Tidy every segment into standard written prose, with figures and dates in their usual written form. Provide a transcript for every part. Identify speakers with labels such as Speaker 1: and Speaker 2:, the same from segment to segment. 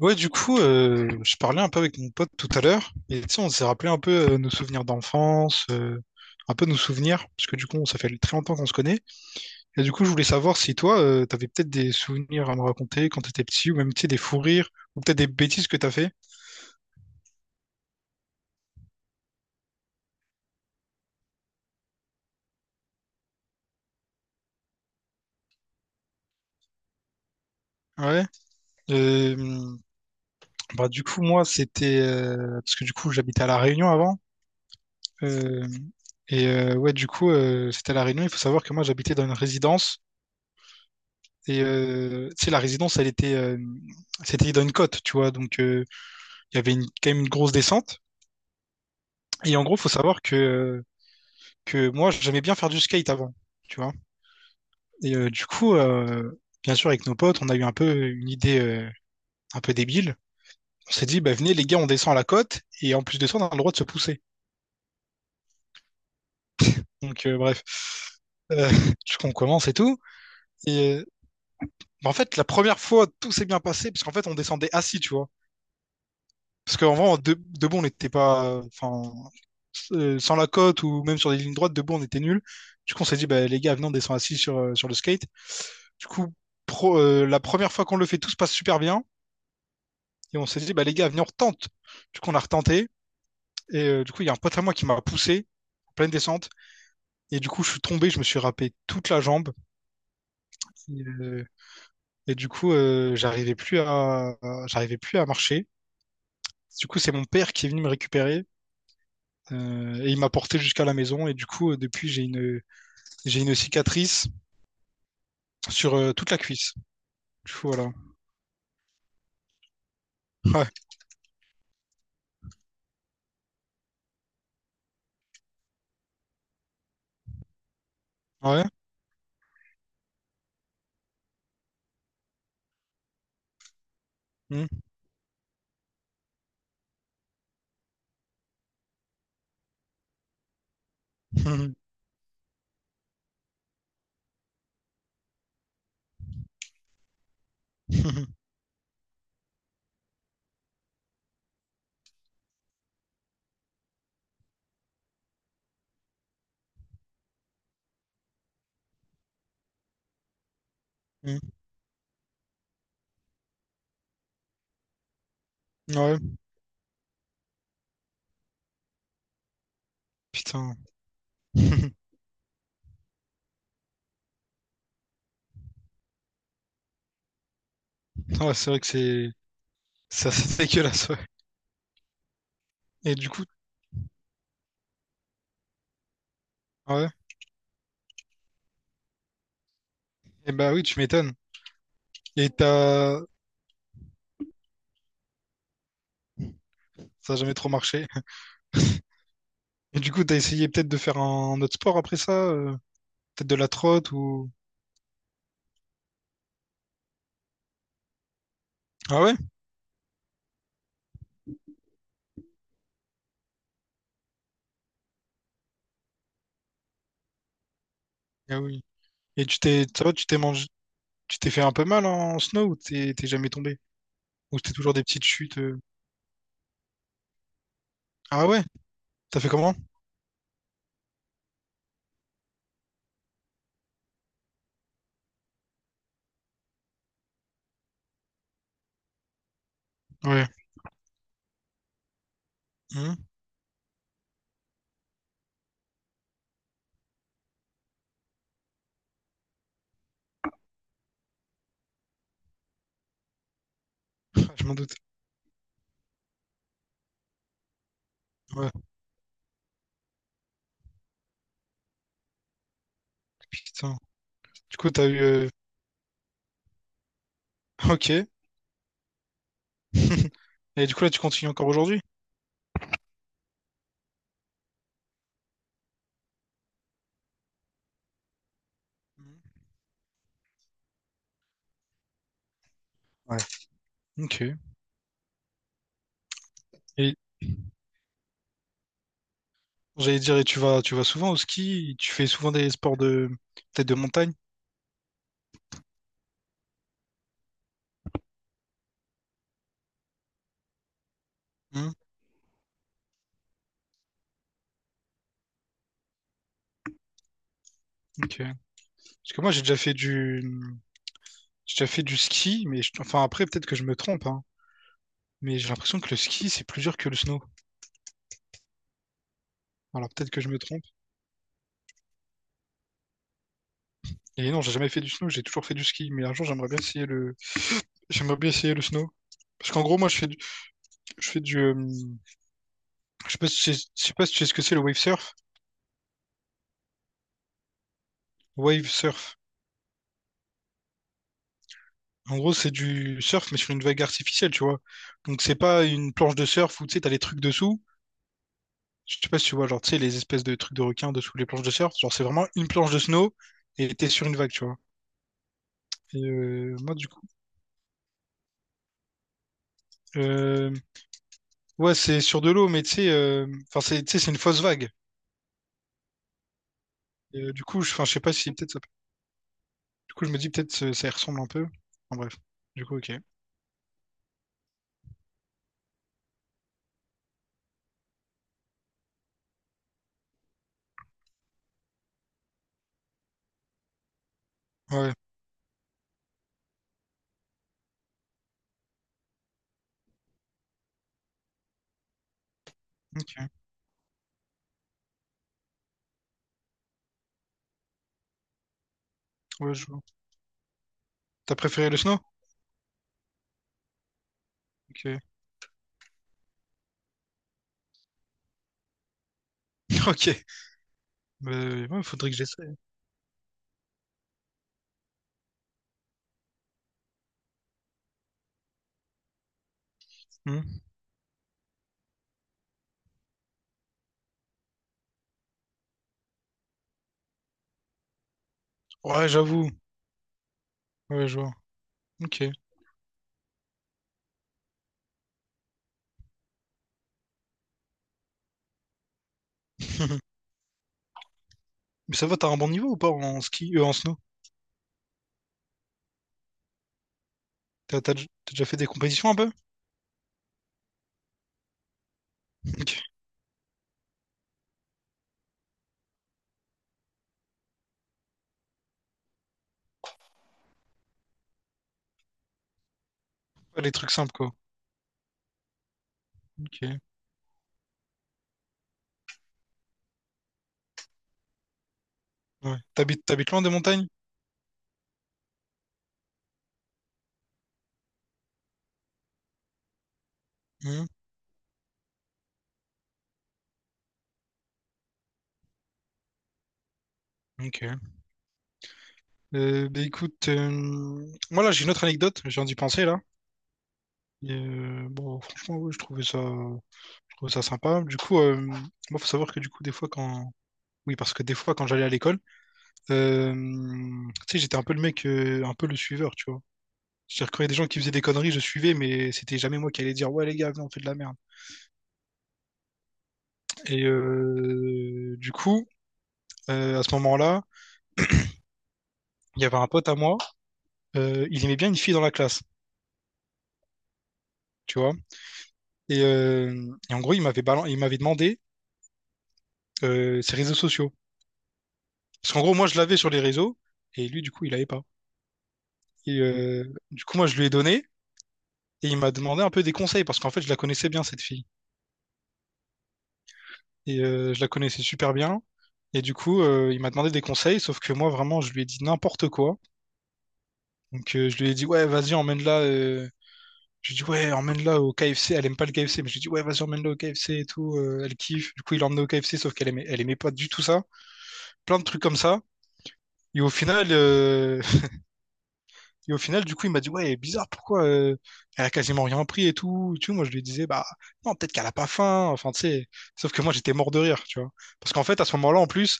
Speaker 1: Ouais, du coup, je parlais un peu avec mon pote tout à l'heure, et tu sais, on s'est rappelé un peu nos souvenirs d'enfance, un peu nos souvenirs, parce que du coup, ça fait très longtemps qu'on se connaît. Et du coup, je voulais savoir si toi, t'avais peut-être des souvenirs à me raconter quand t'étais petit, ou même, tu sais, des fous rires, ou peut-être des bêtises que t'as fait. Ouais. Euh, bah, du coup, moi, c'était parce que du coup, j'habitais à La Réunion avant. euh, et ouais, du coup, c'était à La Réunion. Il faut savoir que moi, j'habitais dans une résidence. Et tu sais, la résidence, elle était, c'était dans une côte, tu vois. Donc, il y avait quand même une grosse descente. Et en gros, faut savoir que moi, j'aimais bien faire du skate avant, tu vois. Et du coup, bien sûr, avec nos potes, on a eu un peu une idée un peu débile. On s'est dit, bah, venez, les gars, on descend à la côte. Et en plus de ça, on a le droit de se pousser. Donc, bref. Euh, du coup, on commence et tout. Et bah, en fait, la première fois, tout s'est bien passé, parce qu'en fait, on descendait assis, tu vois. Parce qu'en vrai, debout, on n'était pas. Enfin, sans la côte ou même sur des lignes droites, debout, on était nul. Du coup, on s'est dit, bah, les gars, venez, on descend assis sur, sur le skate. Du coup, la première fois qu'on le fait, tout se passe super bien. Et on s'est dit, bah, les gars, venez, on retente. Du coup, on a retenté. Et du coup, il y a un pote à moi qui m'a poussé en pleine descente. Et du coup, je suis tombé, je me suis râpé toute la jambe. Et, euh, et du coup, j'arrivais plus à marcher. Du coup, c'est mon père qui est venu me récupérer. Et il m'a porté jusqu'à la maison. Et du coup, depuis, j'ai une cicatrice sur toute la cuisse. Du coup, voilà. Ouais. Ouais. Mm. Mm. Mm. Ouais. Putain. Ouais, c'est vrai que c'est dégueulasse. Ouais. Et du coup, ouais. Et bah oui, tu m'étonnes. Et t'as ça a jamais trop marché. Et du coup, t'as essayé peut-être de faire un autre sport après ça, peut-être de la trotte ou ah ouais? Ah oui. Et tu t'es mangé, tu t'es fait un peu mal en snow ou t'es jamais tombé? Ou c'était toujours des petites chutes? Ah ouais? T'as fait comment? Ouais. Hmm. Je m'en doute. Ouais, putain. Du coup, t'as eu, ok. Et du coup, là, tu continues encore aujourd'hui? Mhm. Ouais. Ok. Et j'allais dire, et tu vas souvent au ski? Tu fais souvent des sports de, peut-être de montagne? Mhm. Ok. Parce que moi, j'ai déjà fait du ski, mais enfin après, peut-être que je me trompe, hein. Mais j'ai l'impression que le ski, c'est plus dur que le snow. Alors peut-être que je me trompe. Et non, j'ai jamais fait du snow, j'ai toujours fait du ski. Mais un jour, j'aimerais bien essayer le snow. Parce qu'en gros, moi, je fais du, je sais pas si tu sais ce que c'est le wave surf. Wave surf. En gros, c'est du surf, mais sur une vague artificielle, tu vois. Donc, c'est pas une planche de surf où, tu sais, t'as les trucs dessous. Je sais pas si tu vois, genre, tu sais, les espèces de trucs de requins dessous les planches de surf. Genre, c'est vraiment une planche de snow et t'es sur une vague, tu vois. Et moi, du coup, euh, ouais, c'est sur de l'eau, mais tu sais, enfin, c'est, tu sais, c'est une fausse vague. Et, du coup, je, enfin, je sais pas si peut-être ça. Du coup, je me dis peut-être ça, ça y ressemble un peu. En bref. Du coup, ok. Ouais, ok. Ouais, je vois. T'as préféré le snow? Ok. Ok. Bah, ouais, faudrait que j'essaie. Hmm. Ouais, j'avoue. Ouais, je vois. Ok. Mais ça va, t'as un bon niveau ou pas en ski, en snow? T'as déjà fait des compétitions un peu? Ok. Ouais, les trucs simples, quoi. Ok. Ouais. T'habites loin des montagnes? Hmm. Ok. Bah écoute, moi là j'ai une autre anecdote, j'ai viens d'y penser là. Et, bon, franchement, ouais, je trouvais ça sympa. Du coup, moi faut savoir que du coup, des fois quand. Oui, parce que des fois quand j'allais à l'école, euh, tu sais, j'étais un peu le suiveur, tu vois. C'est-à-dire quand il y a des gens qui faisaient des conneries, je suivais, mais c'était jamais moi qui allais dire, ouais les gars, viens, on fait de la merde. Et du coup, à ce moment-là, il y avait un pote à moi, il aimait bien une fille dans la classe, tu vois. Et en gros, il m'avait demandé ses réseaux sociaux. Parce qu'en gros, moi, je l'avais sur les réseaux, et lui, du coup, il l'avait pas. Et du coup, moi, je lui ai donné, et il m'a demandé un peu des conseils, parce qu'en fait, je la connaissais bien, cette fille. Et je la connaissais super bien. Et du coup, il m'a demandé des conseils, sauf que moi, vraiment, je lui ai dit n'importe quoi. Donc, je lui ai dit, ouais, vas-y, emmène-la. Je lui dis, ouais, emmène-la au KFC. Elle aime pas le KFC, mais je lui dis, ouais, vas-y, emmène-la au KFC et tout. Elle kiffe. Du coup, il l'emmène au KFC, sauf elle aimait pas du tout ça. Plein de trucs comme ça. Et au final, et au final, du coup, il m'a dit, ouais, bizarre, pourquoi elle a quasiment rien pris et tout. Tu vois, moi, je lui disais, bah, non, peut-être qu'elle a pas faim. Enfin, tu sais, sauf que moi, j'étais mort de rire, tu vois. Parce qu'en fait, à ce moment-là, en plus,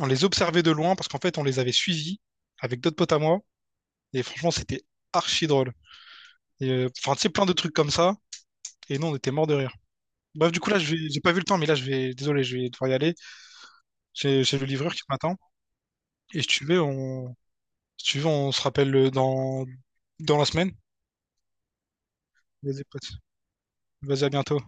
Speaker 1: on les observait de loin parce qu'en fait, on les avait suivis avec d'autres potes à moi. Et franchement, c'était archi drôle. Et, enfin, tu sais, plein de trucs comme ça. Et nous, on était mort de rire. Bref, du coup, là, j'ai pas vu le temps, mais là, je vais. Désolé, je vais devoir y aller. J'ai le livreur qui m'attend. Et si tu veux, si tu veux, on se rappelle dans, dans la semaine. Vas-y, pote. Vas-y, à bientôt.